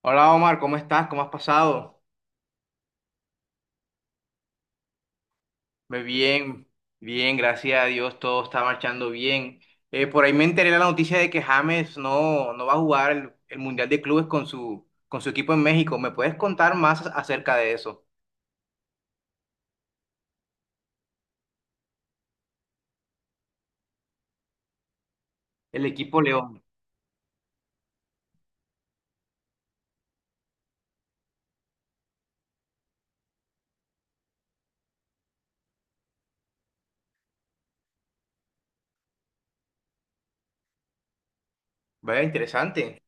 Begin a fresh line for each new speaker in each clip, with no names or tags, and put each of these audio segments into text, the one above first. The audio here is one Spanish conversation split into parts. Hola Omar, ¿cómo estás? ¿Cómo has pasado? Ve Bien, bien, gracias a Dios, todo está marchando bien. Por ahí me enteré la noticia de que James no va a jugar el Mundial de Clubes con su equipo en México. ¿Me puedes contar más acerca de eso? El equipo León. Vaya, interesante.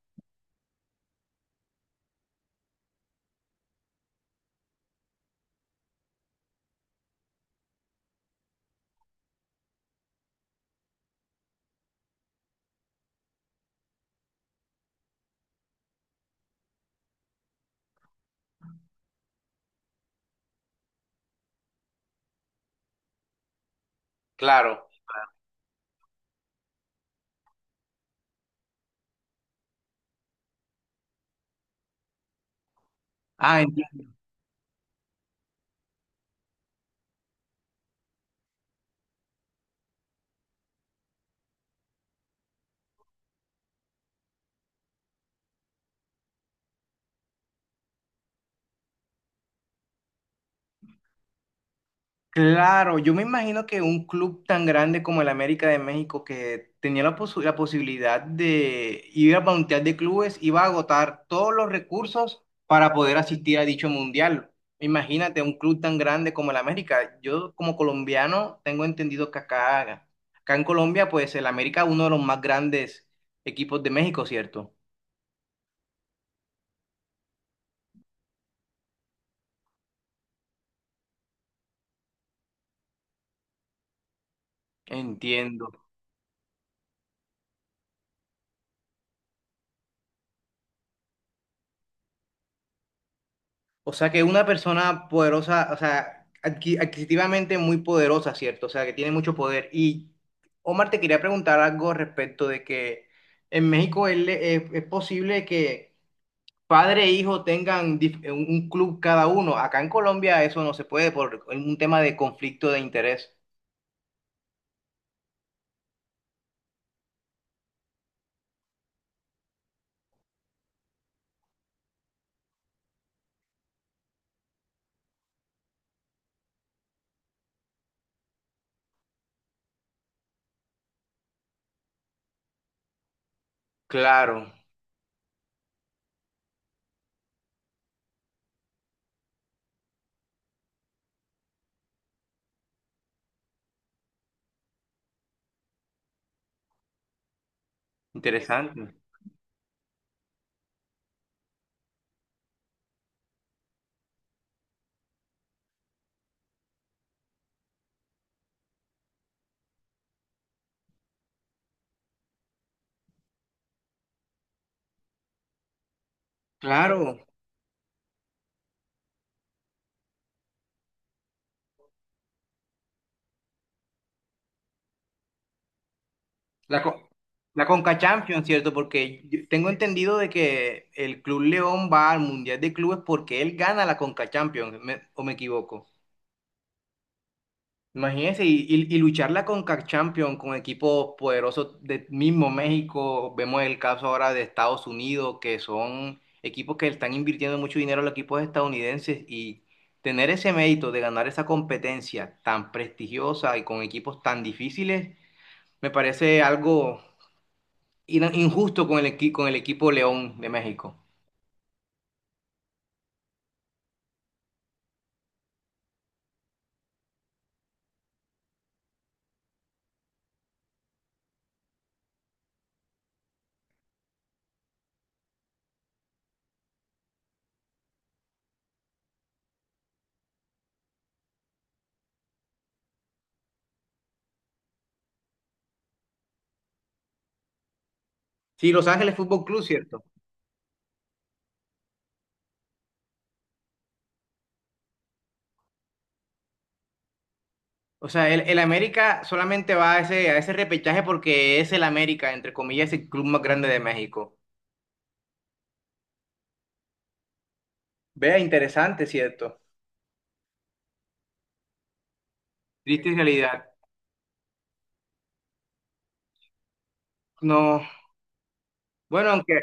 Claro. Ah. Claro, yo me imagino que un club tan grande como el América de México que tenía la posibilidad de ir al Mundial de Clubes iba a agotar todos los recursos para poder asistir a dicho Mundial. Imagínate un club tan grande como el América. Yo como colombiano tengo entendido que acá, acá en Colombia pues el América es uno de los más grandes equipos de México, ¿cierto? Entiendo. O sea que una persona poderosa, o sea, adquisitivamente muy poderosa, ¿cierto? O sea, que tiene mucho poder. Y Omar, te quería preguntar algo respecto de que en México es posible que padre e hijo tengan un club cada uno. Acá en Colombia eso no se puede por un tema de conflicto de interés. Claro, interesante. Claro. La, co- la Conca Champions, ¿cierto? Porque yo tengo entendido de que el Club León va al Mundial de Clubes porque él gana la Conca Champions. ¿O me equivoco? Imagínense, y, y luchar la Conca Champions con equipos poderosos del mismo México. Vemos el caso ahora de Estados Unidos, que son equipos que están invirtiendo mucho dinero a los equipos estadounidenses y tener ese mérito de ganar esa competencia tan prestigiosa y con equipos tan difíciles. Me parece algo injusto con el equipo León de México. Sí, Los Ángeles Fútbol Club, ¿cierto? O sea, el América solamente va a ese repechaje porque es el América, entre comillas, el club más grande de México. Vea, interesante, ¿cierto? Triste realidad. No, bueno, aunque,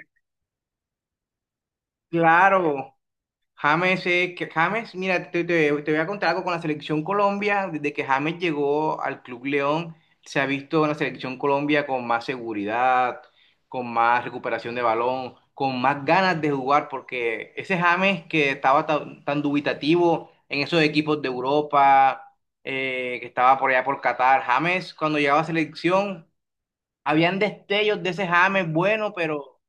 claro. James, que James, mira, te, te voy a contar algo con la selección Colombia. Desde que James llegó al Club León, se ha visto en la selección Colombia con más seguridad, con más recuperación de balón, con más ganas de jugar, porque ese James que estaba tan, tan dubitativo en esos equipos de Europa, que estaba por allá por Qatar, James, cuando llegaba a selección, habían destellos de ese James bueno, pero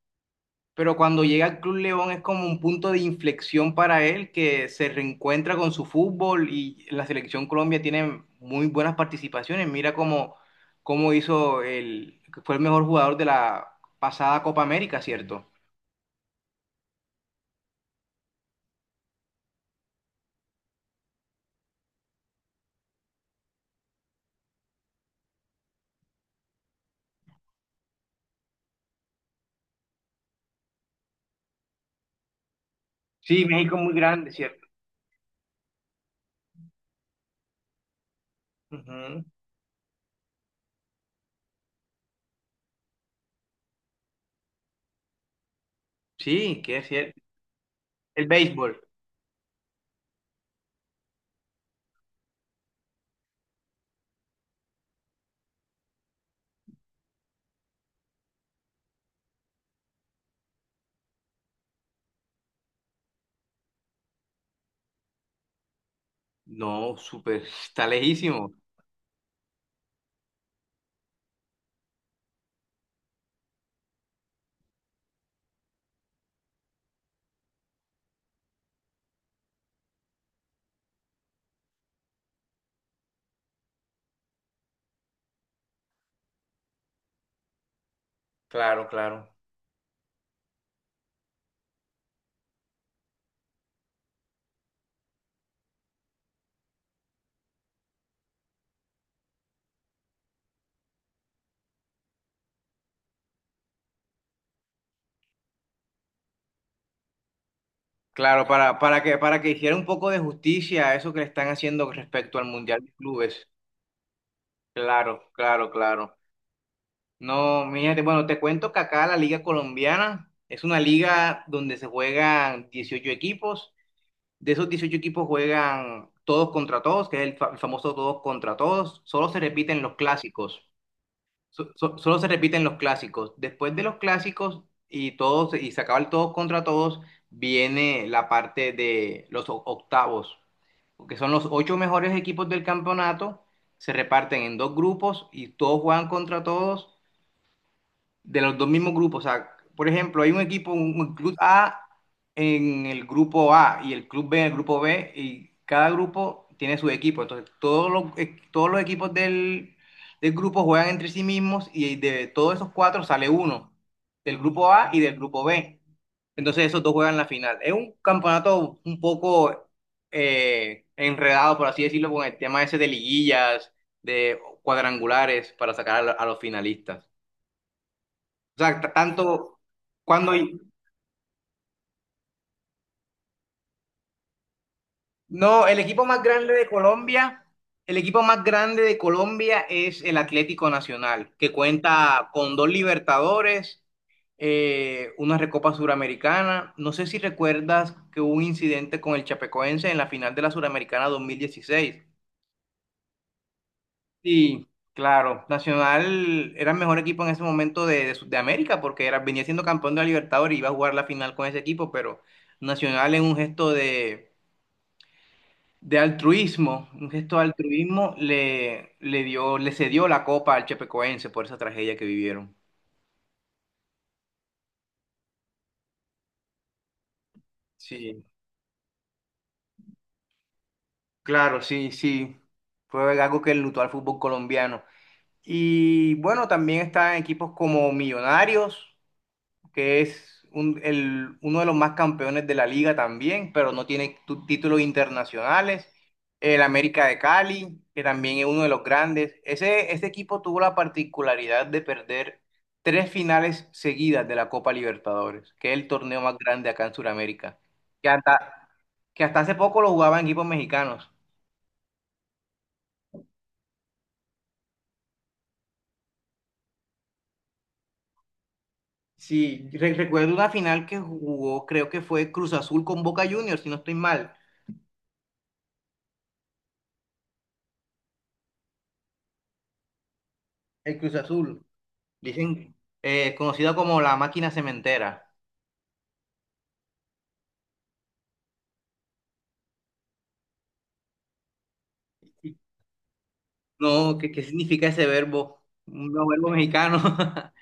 cuando llega al Club León es como un punto de inflexión para él, que se reencuentra con su fútbol y la selección Colombia tiene muy buenas participaciones. Mira cómo, cómo hizo el, fue el mejor jugador de la pasada Copa América, ¿cierto? Sí, México es muy grande, ¿cierto? Ujú. Sí, que es cierto. El béisbol. No, súper, está lejísimo. Claro, claro. Claro, para que hiciera un poco de justicia a eso que le están haciendo respecto al Mundial de Clubes. Claro, claro, claro. No, mírate, bueno, te cuento que acá la Liga Colombiana es una liga donde se juegan 18 equipos. De esos 18 equipos juegan todos contra todos, que es el el famoso todos contra todos. Solo se repiten los clásicos. Solo se repiten los clásicos. Después de los clásicos y todos y se acaba el todos contra todos, viene la parte de los octavos, que son los ocho mejores equipos del campeonato. Se reparten en dos grupos y todos juegan contra todos de los dos mismos grupos. O sea, por ejemplo, hay un equipo, un club A en el grupo A y el club B en el grupo B y cada grupo tiene su equipo. Entonces, todos los equipos del, del grupo juegan entre sí mismos y de todos esos cuatro sale uno, del grupo A y del grupo B. Entonces, esos dos juegan la final. Es un campeonato un poco enredado, por así decirlo, con el tema ese de liguillas, de cuadrangulares para sacar a a los finalistas. O sea, tanto cuando... No, el equipo más grande de Colombia, el equipo más grande de Colombia es el Atlético Nacional, que cuenta con dos Libertadores, una Recopa Suramericana. No sé si recuerdas que hubo un incidente con el Chapecoense en la final de la Suramericana 2016. Sí, claro. Nacional era el mejor equipo en ese momento de de América porque era, venía siendo campeón de la Libertadores y iba a jugar la final con ese equipo, pero Nacional en un gesto de altruismo, un gesto de altruismo le, le dio, le cedió la copa al Chepecoense por esa tragedia que vivieron. Sí, claro, sí, sí. Fue algo que enlutó al fútbol colombiano. Y bueno, también están equipos como Millonarios, que es uno de los más campeones de la liga también, pero no tiene títulos internacionales. El América de Cali, que también es uno de los grandes. Ese equipo tuvo la particularidad de perder tres finales seguidas de la Copa Libertadores, que es el torneo más grande acá en Sudamérica, que hasta, que hasta hace poco lo jugaban equipos mexicanos. Sí, recuerdo una final que jugó, creo que fue Cruz Azul con Boca Juniors, si no estoy mal. El Cruz Azul. Dicen, conocida como la máquina cementera. No, ¿qué, qué significa ese verbo? Un verbo mexicano.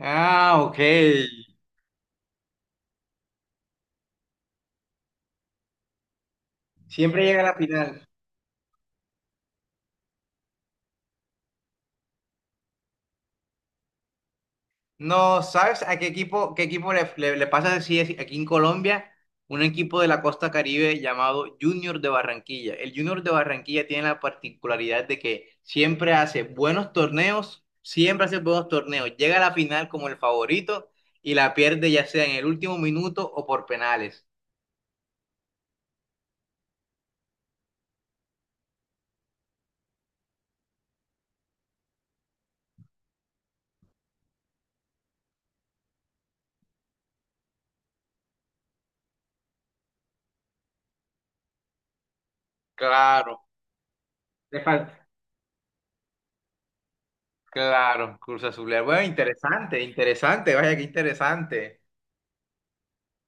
Ah, ok. Siempre llega a la final. No, ¿sabes a qué equipo le, le, le pasa así así aquí en Colombia? Un equipo de la Costa Caribe llamado Junior de Barranquilla. El Junior de Barranquilla tiene la particularidad de que siempre hace buenos torneos, siempre hace buenos torneos, llega a la final como el favorito y la pierde ya sea en el último minuto o por penales. Claro, le fal- claro, Cruz Azul. Bueno, interesante, interesante, vaya, qué interesante.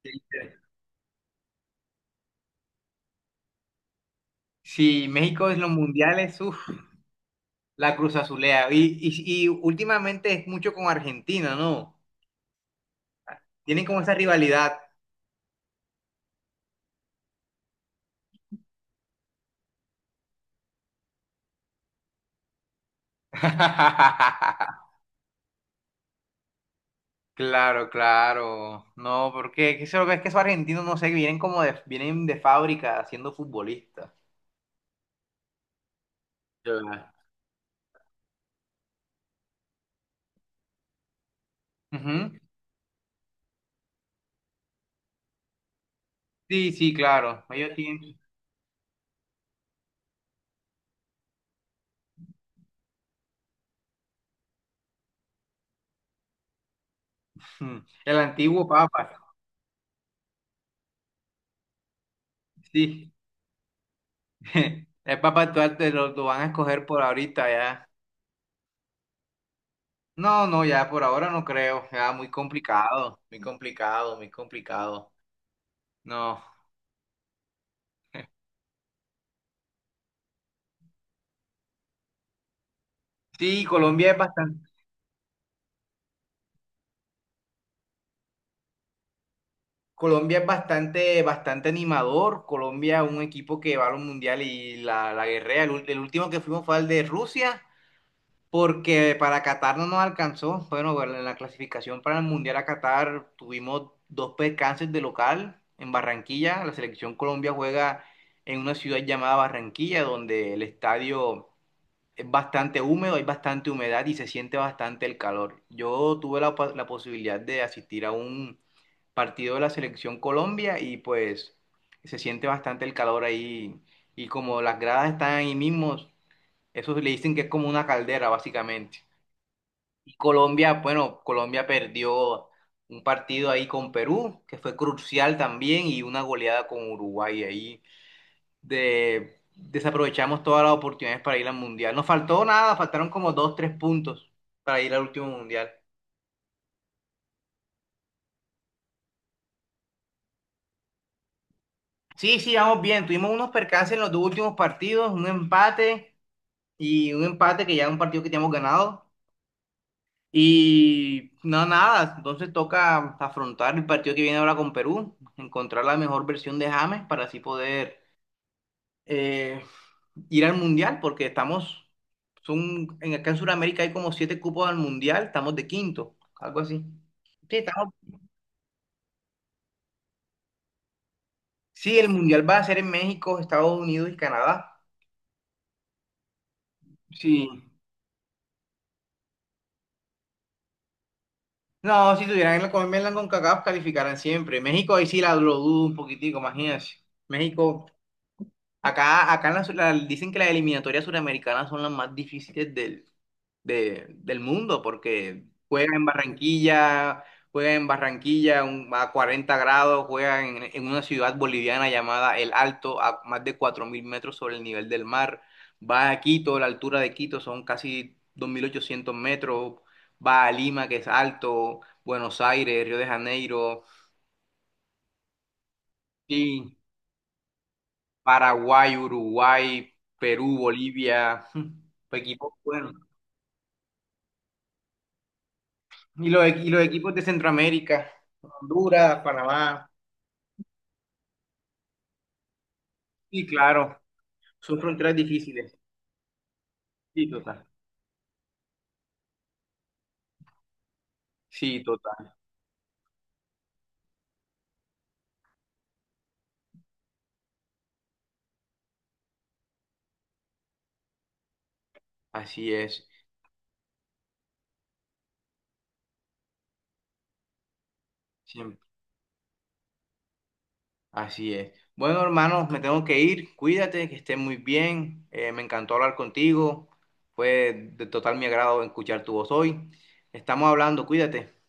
Qué inter-. Si México es los mundiales, la Cruz Azulea. Y últimamente es mucho con Argentina, ¿no? Tienen como esa rivalidad. Claro, claro. No, porque es que eso- es que esos argentinos, no sé, vienen como de, vienen de fábrica siendo futbolistas. Ya. Ujú. Sí, sí, claro. Ellos tienen. Mm. El antiguo Papa. Sí. El Papa actual te lo van a escoger por ahorita ya. No, no, ya por ahora no creo. Ya muy complicado, muy complicado, muy complicado. No. Sí, Colombia es bastante, bastante animador. Colombia es un equipo que va a los mundiales y la guerrea. El último que fuimos fue al de Rusia, porque para Qatar no nos alcanzó. Bueno, bueno, en la clasificación para el mundial a Qatar tuvimos dos percances de local en Barranquilla. La selección Colombia juega en una ciudad llamada Barranquilla, donde el estadio es bastante húmedo, hay bastante humedad y se siente bastante el calor. Yo tuve la posibilidad de asistir a un partido de la selección Colombia y pues se siente bastante el calor ahí y como las gradas están ahí mismos, eso le dicen que es como una caldera básicamente. Y Colombia, bueno, Colombia perdió un partido ahí con Perú, que fue crucial también, y una goleada con Uruguay ahí. Desaprovechamos todas las oportunidades para ir al Mundial. Nos faltó nada, faltaron como dos, tres puntos para ir al último Mundial. Sí, sí, vamos bien. Tuvimos unos percances en los dos últimos partidos, un empate y un empate que ya es un partido que teníamos ganado. Y no, nada, entonces toca afrontar el partido que viene ahora con Perú, encontrar la mejor versión de James para así poder eh, ir al Mundial, porque estamos, son, en acá en Sudamérica hay como siete cupos al Mundial, estamos de quinto, algo así. Sí, sí, el Mundial va a ser en México, Estados Unidos y Canadá. Sí. No, si tuvieran la con Conca CONCACAF, calificaran siempre. México ahí sí la lo dudo un poquitico, imagínense. México acá, acá en dicen que las eliminatorias suramericanas son las más difíciles del mundo porque juegan en Barranquilla a 40 grados, juegan en una ciudad boliviana llamada El Alto, a más de 4.000 metros sobre el nivel del mar. Va a Quito, la altura de Quito son casi 2.800 metros. Va a Lima, que es alto, Buenos Aires, Río de Janeiro. Paraguay, Uruguay, Perú, Bolivia, equipos buenos. Y los equipos de Centroamérica, Honduras, Panamá. Sí, claro, son fronteras difíciles. Sí, total. Sí, total. Así es. Siempre. Así es. Bueno, hermanos, me tengo que ir. Cuídate, que estés muy bien. Me encantó hablar contigo. Fue de total mi agrado escuchar tu voz hoy. Estamos hablando, cuídate.